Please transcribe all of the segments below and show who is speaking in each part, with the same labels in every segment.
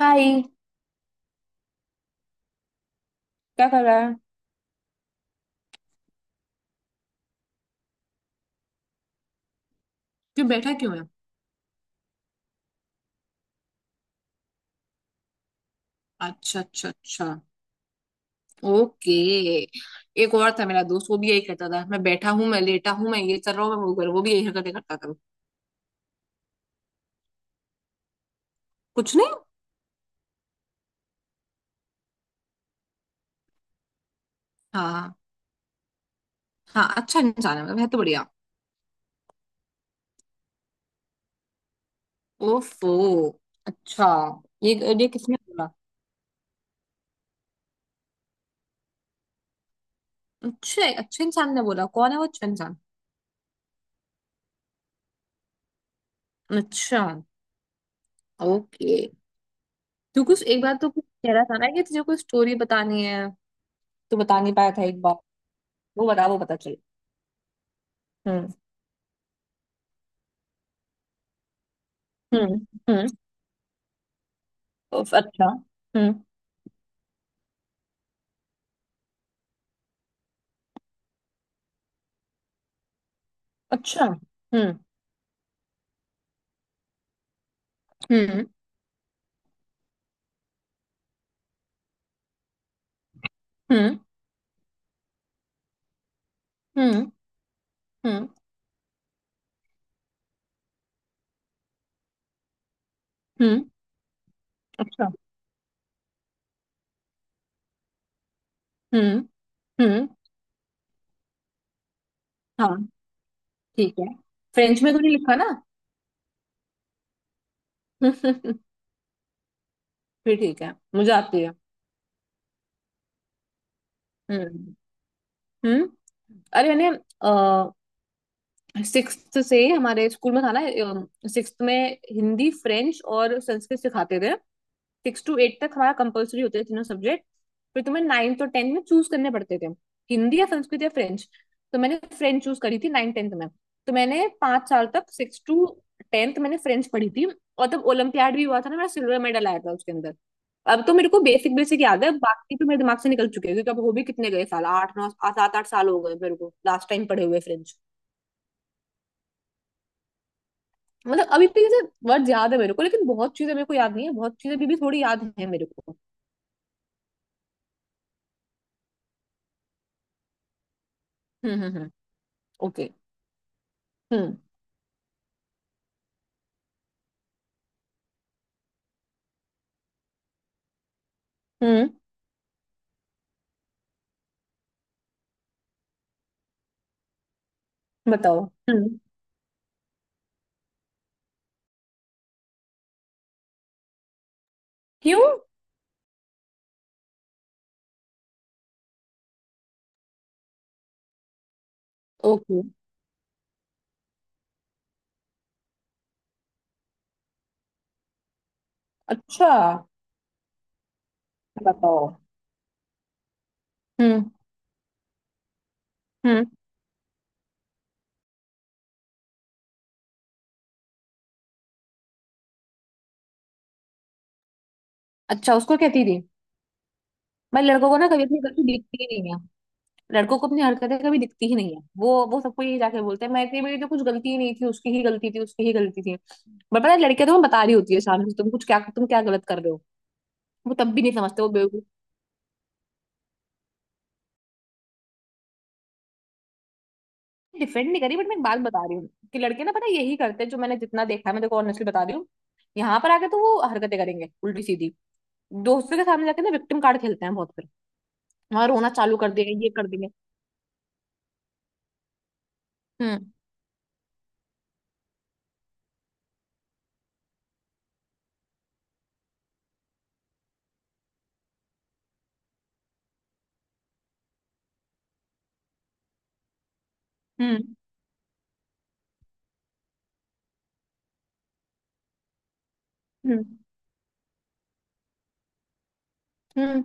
Speaker 1: हाय। क्या कर रहा है? क्यों बैठा, क्यों है? अच्छा, अच्छा, अच्छा। ओके। एक और था मेरा दोस्त, वो भी यही कहता था, मैं बैठा हूँ, मैं लेटा हूँ, मैं ये कर रहा हूँ, मैं वो कर रहा हूँ। वो भी यही हरकतें करता था। कुछ नहीं। हाँ। हाँ, अच्छा इंसान है, मतलब है तो बढ़िया। ओफो। अच्छा। ये ये किसने बोला? अच्छा, अच्छे इंसान ने बोला, कौन है वो अच्छा इंसान? अच्छा। ओके। तू कुछ एक बार तो कुछ कह रहा था ना कि तुझे कोई स्टोरी बतानी है, तू बता नहीं पाया था एक बार। वो पता चल। हम्म, हम्म, हम्म। उफ, अच्छा। हम्म। अच्छा। हम्म, हम्म, हम्म, हम्म, हम्म, हम्म। अच्छा। हम्म, हम्म। हाँ, ठीक है। फ्रेंच में तो नहीं लिखा ना? फिर ठीक है, मुझे आती है। हम्म, हम्म। अरे मैंने सिक्स्थ से ही हमारे स्कूल में था ना, सिक्स्थ में हिंदी, फ्रेंच और संस्कृत सिखाते थे। सिक्स टू एट तक हमारा कंपलसरी होते थे तीनों सब्जेक्ट। फिर तुम्हें नाइन्थ और टेंथ में चूज करने पड़ते थे, हिंदी या संस्कृत या फ्रेंच। तो मैंने फ्रेंच चूज करी थी नाइन टेंथ में। तो मैंने 5 साल तक, सिक्स टू टेंथ, मैंने फ्रेंच पढ़ी थी। और तब ओलंपियाड भी हुआ था ना मेरा, सिल्वर मेडल आया था उसके अंदर। अब तो मेरे को बेसिक बेसिक याद है, बाकी तो मेरे दिमाग से निकल चुके हैं, क्योंकि अब हो भी कितने गए साल, आठ नौ 7-8 साल हो गए मेरे को लास्ट टाइम पढ़े हुए फ्रेंच। मतलब अभी भी जैसे वर्ड याद है मेरे को, लेकिन बहुत चीजें मेरे को याद नहीं है, बहुत चीजें अभी भी थोड़ी याद है मेरे को। हम्म, हम्म, हम्म। ओके। हम्म। Okay। हम्म। हम्म। बताओ। हम्म। क्यों? ओके। अच्छा। बताओ। हम्म, हम्म। अच्छा, उसको कहती थी? भाई, लड़कों को ना कभी अपनी गलती दिखती ही नहीं है। लड़कों को अपनी हरकतें कभी दिखती ही नहीं है। वो सबको ये जाके बोलते हैं, मैं थी मेरी तो कुछ गलती ही नहीं थी, उसकी ही गलती थी, उसकी ही गलती थी। बट पता है, लड़कियां तुम्हें बता रही होती है सामने से, तुम कुछ क्या, तुम क्या गलत कर रहे हो। वो तब भी नहीं समझते, वो बेवकूफ। डिफेंड नहीं करी, बट मैं एक बात बता रही हूँ कि लड़के ना, पता है, यही करते हैं, जो मैंने जितना देखा है, मैं देखो ऑनेस्टली बता रही हूँ। यहाँ पर आके तो वो हरकतें करेंगे उल्टी सीधी, दोस्तों के सामने जाके ना विक्टिम कार्ड खेलते हैं बहुत फिर। हाँ, रोना चालू कर दिया, ये कर दिया। हम्म, हम्म, हम्म, हम्म,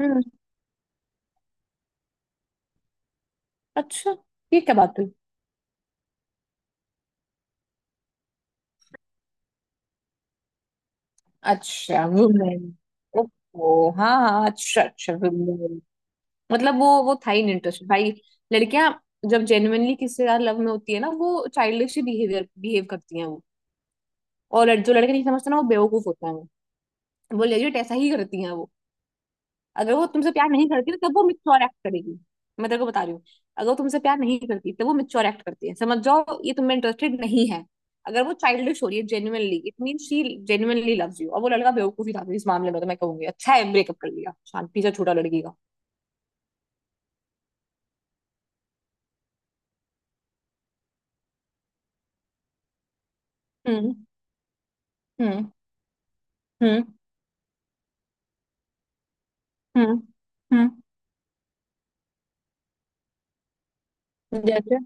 Speaker 1: हम्म। अच्छा, ये क्या बात हुई? अच्छा, वुमेन। ओहो, हाँ, हाँ, अच्छा, अच्छा, वुमेन। मतलब वो था ही नहीं इंटरेस्ट भाई। लड़कियां जब जेन्युइनली किसी यार लव में होती है ना, वो चाइल्डिश बिहेवियर बिहेव करती हैं वो। और जो लड़के नहीं समझते ना, वो बेवकूफ होता है वो। वो लेजिट ऐसा ही करती हैं वो। अगर वो तुमसे प्यार नहीं करती तो तब वो मिच्योर एक्ट करेगी। मैं तेरे को बता रही हूँ। अगर वो तुमसे प्यार नहीं करती तब वो मिच्योर एक्ट करती है, समझ जाओ ये तुम्हें इंटरेस्टेड नहीं है। अगर वो चाइल्डिश हो रही है genuinely, it mean she genuinely loves you, और वो लड़का बेवकूफी था इस मामले में, तो मैं कहूंगी अच्छा है, ब्रेकअप कर लिया शांति से, छोटा लड़की का। हम्म, हम्म, हम्म, हम्म, हम्म। जैसे?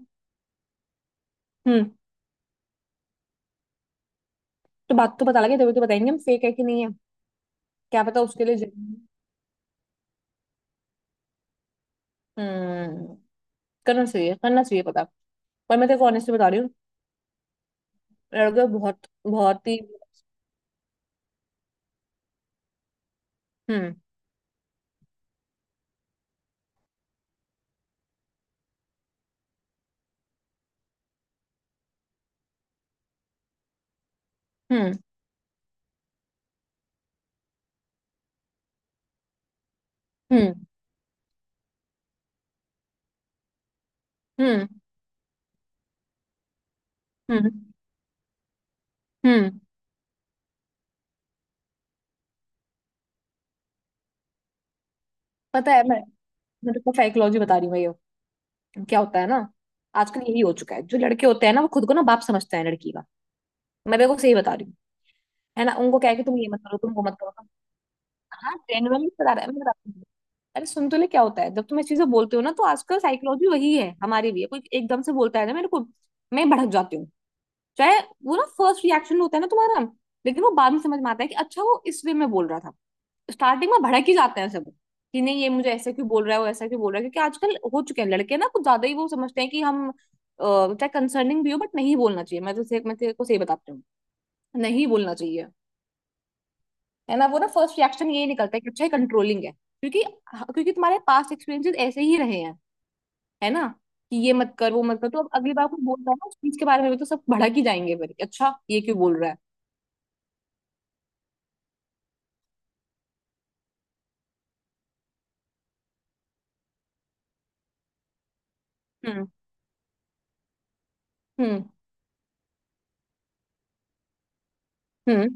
Speaker 1: हम्म। तो बात तो पता लगे तभी तो बताएंगे हम फेक है कि नहीं है। क्या पता, उसके लिए हम्म। करना चाहिए, करना चाहिए पता। पर मैं तेरे को honestly बता रही हूँ। लड़के बहुत बहुत ही। हम्म, हम्म, हम्म, हम्म, हम्म, हम्म। पता है मैं तो साइकोलॉजी बता रही हूँ, मैं ये, क्या होता है ना, आजकल यही हो चुका है। जो लड़के होते हैं ना, वो खुद को ना बाप समझते हैं लड़की का। मैं देखो सही बता रही हूँ। है ना, उनको क्या है कि तुम ये मत करो, तुम वो मत करो, हाँ, जेन्युइनली बता रहा है मैं बताती हूँ। अरे सुन तो ले क्या होता है जब तुम ये चीजें बोलते हो ना, तो आजकल साइकोलॉजी वही है, हमारी भी है, कोई एकदम से बोलता है ना मेरे को, मैं भड़क जाती हूँ। चाहे, वो ना फर्स्ट रिएक्शन होता है ना तुम्हारा, लेकिन वो बाद में समझ में आता है कि अच्छा, वो इस वे में बोल रहा था। स्टार्टिंग में भड़क ही जाते हैं सब, कि नहीं ये मुझे ऐसे क्यों बोल रहा है, वो ऐसा क्यों बोल रहा है? क्योंकि आजकल हो चुके हैं लड़के ना कुछ ज्यादा ही, वो समझते हैं कि हम चाहे कंसर्निंग भी हो, बट नहीं बोलना चाहिए। मैं तेरे को सही बताती हूँ, नहीं बोलना चाहिए। है ना, वो ना फर्स्ट रिएक्शन यही निकलता है कि अच्छा, कंट्रोलिंग है, क्योंकि हाँ, क्योंकि तुम्हारे पास्ट एक्सपीरियंसेस ऐसे ही रहे हैं। है ना, कि ये मत कर, वो मत कर। तो अब अगली बार कोई बोलता है ना उस चीज के बारे में भी, तो सब भड़क ही जाएंगे फिर कि अच्छा, ये क्यों बोल रहा है? हम्म, हम्म, हम्म,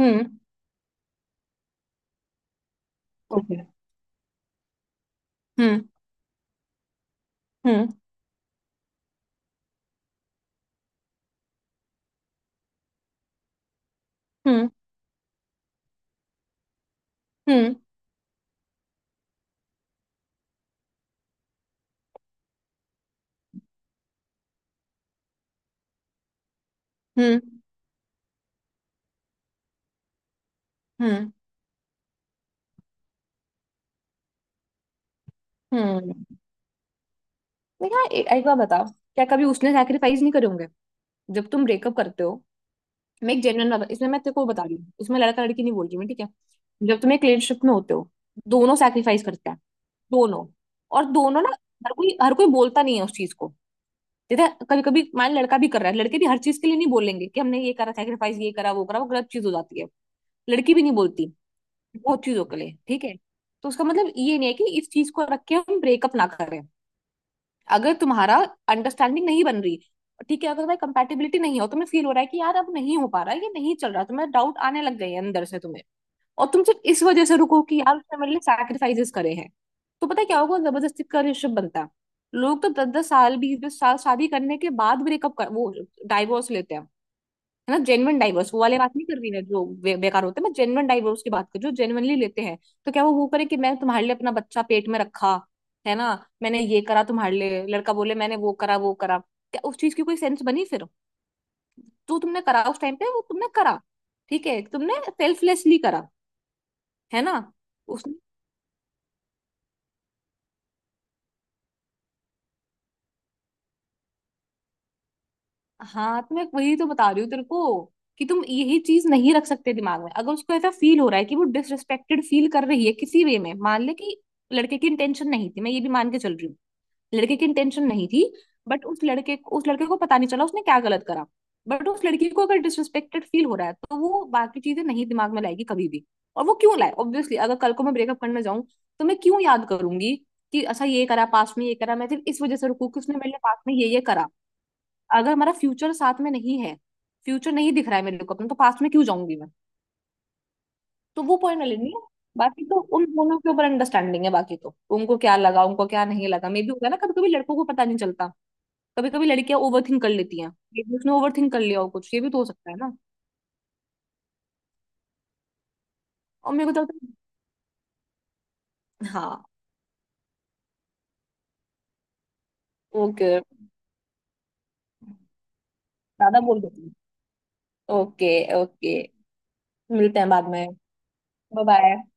Speaker 1: हम्म। ओके। हम्म, हम्म, हम्म, हम्म, हम्म, हम्म, हम्म। देखा, एक बार बताओ, क्या कभी उसने सैक्रिफाइस नहीं करे होंगे जब तुम ब्रेकअप करते हो? मैं एक जेन्युइन बात इसमें मैं तेरे को बता रही हूँ, इसमें लड़का लड़की नहीं बोल रही मैं, ठीक है? जब तुम एक रिलेशनशिप में होते हो, दोनों सैक्रिफाइस करते हैं, दोनों। और दोनों ना, हर कोई बोलता नहीं है उस चीज को। जैसे कभी कभी, मान लड़का भी कर रहा है, लड़के भी हर चीज के लिए नहीं बोलेंगे कि हमने ये करा सैक्रिफाइस, ये करा, वो करा, वो गलत चीज हो जाती है। लड़की भी नहीं बोलती बहुत चीजों के लिए, ठीक है। तो उसका मतलब ये नहीं है कि इस चीज को रख के हम ब्रेकअप ना करें। अगर तुम्हारा अंडरस्टैंडिंग नहीं बन रही, ठीक है, अगर तुम्हारी कंपेटिबिलिटी नहीं है और तुम्हें फील हो रहा है कि यार, अब नहीं हो पा रहा है, ये नहीं चल रहा, तुम्हें डाउट आने लग गए हैं अंदर से तुम्हें, और तुम सिर्फ इस वजह से रुको कि यार, उसने मेरे लिए सैक्रिफाइसेस करे हैं, तो पता है क्या होगा? जबरदस्ती का रिलेशनशिप बनता है। लोग तो 10-10 साल, 20-20 साल शादी करने के बाद ब्रेकअप कर, वो डाइवोर्स लेते हैं। है ना, जेन्युइन डाइवर्स, वो वाले बात नहीं कर रही मैं, जो बेकार होते हैं, मैं जेन्युइन डाइवर्स की बात कर रही हूँ जो जेन्युइनली लेते हैं। तो क्या वो करे कि मैंने तुम्हारे लिए अपना बच्चा पेट में रखा, है ना, मैंने ये करा तुम्हारे लिए, लड़का बोले मैंने वो करा, वो करा। क्या उस चीज की कोई सेंस बनी फिर? जो तुमने करा उस टाइम पे, वो तुमने करा, ठीक है, तुमने सेल्फलेसली करा, है ना? उसने। हाँ, तो मैं वही तो बता रही हूँ तेरे को कि तुम यही चीज नहीं रख सकते दिमाग में। अगर उसको ऐसा फील हो रहा है कि वो डिसरिस्पेक्टेड फील कर रही है किसी वे में, मान ले कि लड़के की इंटेंशन नहीं थी, मैं ये भी मान के चल रही हूँ, लड़के की इंटेंशन नहीं थी, बट उस लड़के को पता नहीं चला उसने क्या गलत करा, बट उस लड़की को अगर डिसरिस्पेक्टेड फील हो रहा है, तो वो बाकी चीजें नहीं दिमाग में लाएगी कभी भी। और वो क्यों लाए? ऑब्वियसली, अगर कल को मैं ब्रेकअप करने जाऊं, तो मैं क्यों याद करूंगी कि अच्छा, ये करा पास्ट में, ये करा, मैं सिर्फ इस वजह से रुकू कि उसने मेरे लिए पास्ट में ये करा? अगर हमारा फ्यूचर साथ में नहीं है, फ्यूचर नहीं दिख रहा है मेरे को अपना, तो पास्ट में क्यों जाऊंगी मैं? तो वो पॉइंट लेनी है, बाकी तो उन दोनों के ऊपर अंडरस्टैंडिंग है, बाकी तो उनको क्या लगा, उनको क्या नहीं लगा, मे भी होगा ना, कभी कभी लड़कों को पता नहीं चलता, कभी कभी लड़कियां ओवर थिंक कर लेती हैं। ये भी उसने ओवर थिंक कर लिया हो कुछ, ये भी तो हो सकता है ना। और मेरे को तो लगता है, हाँ। ओके, ज्यादा बोल देती हूँ। ओके। ओके, मिलते हैं बाद में। Bye, bye.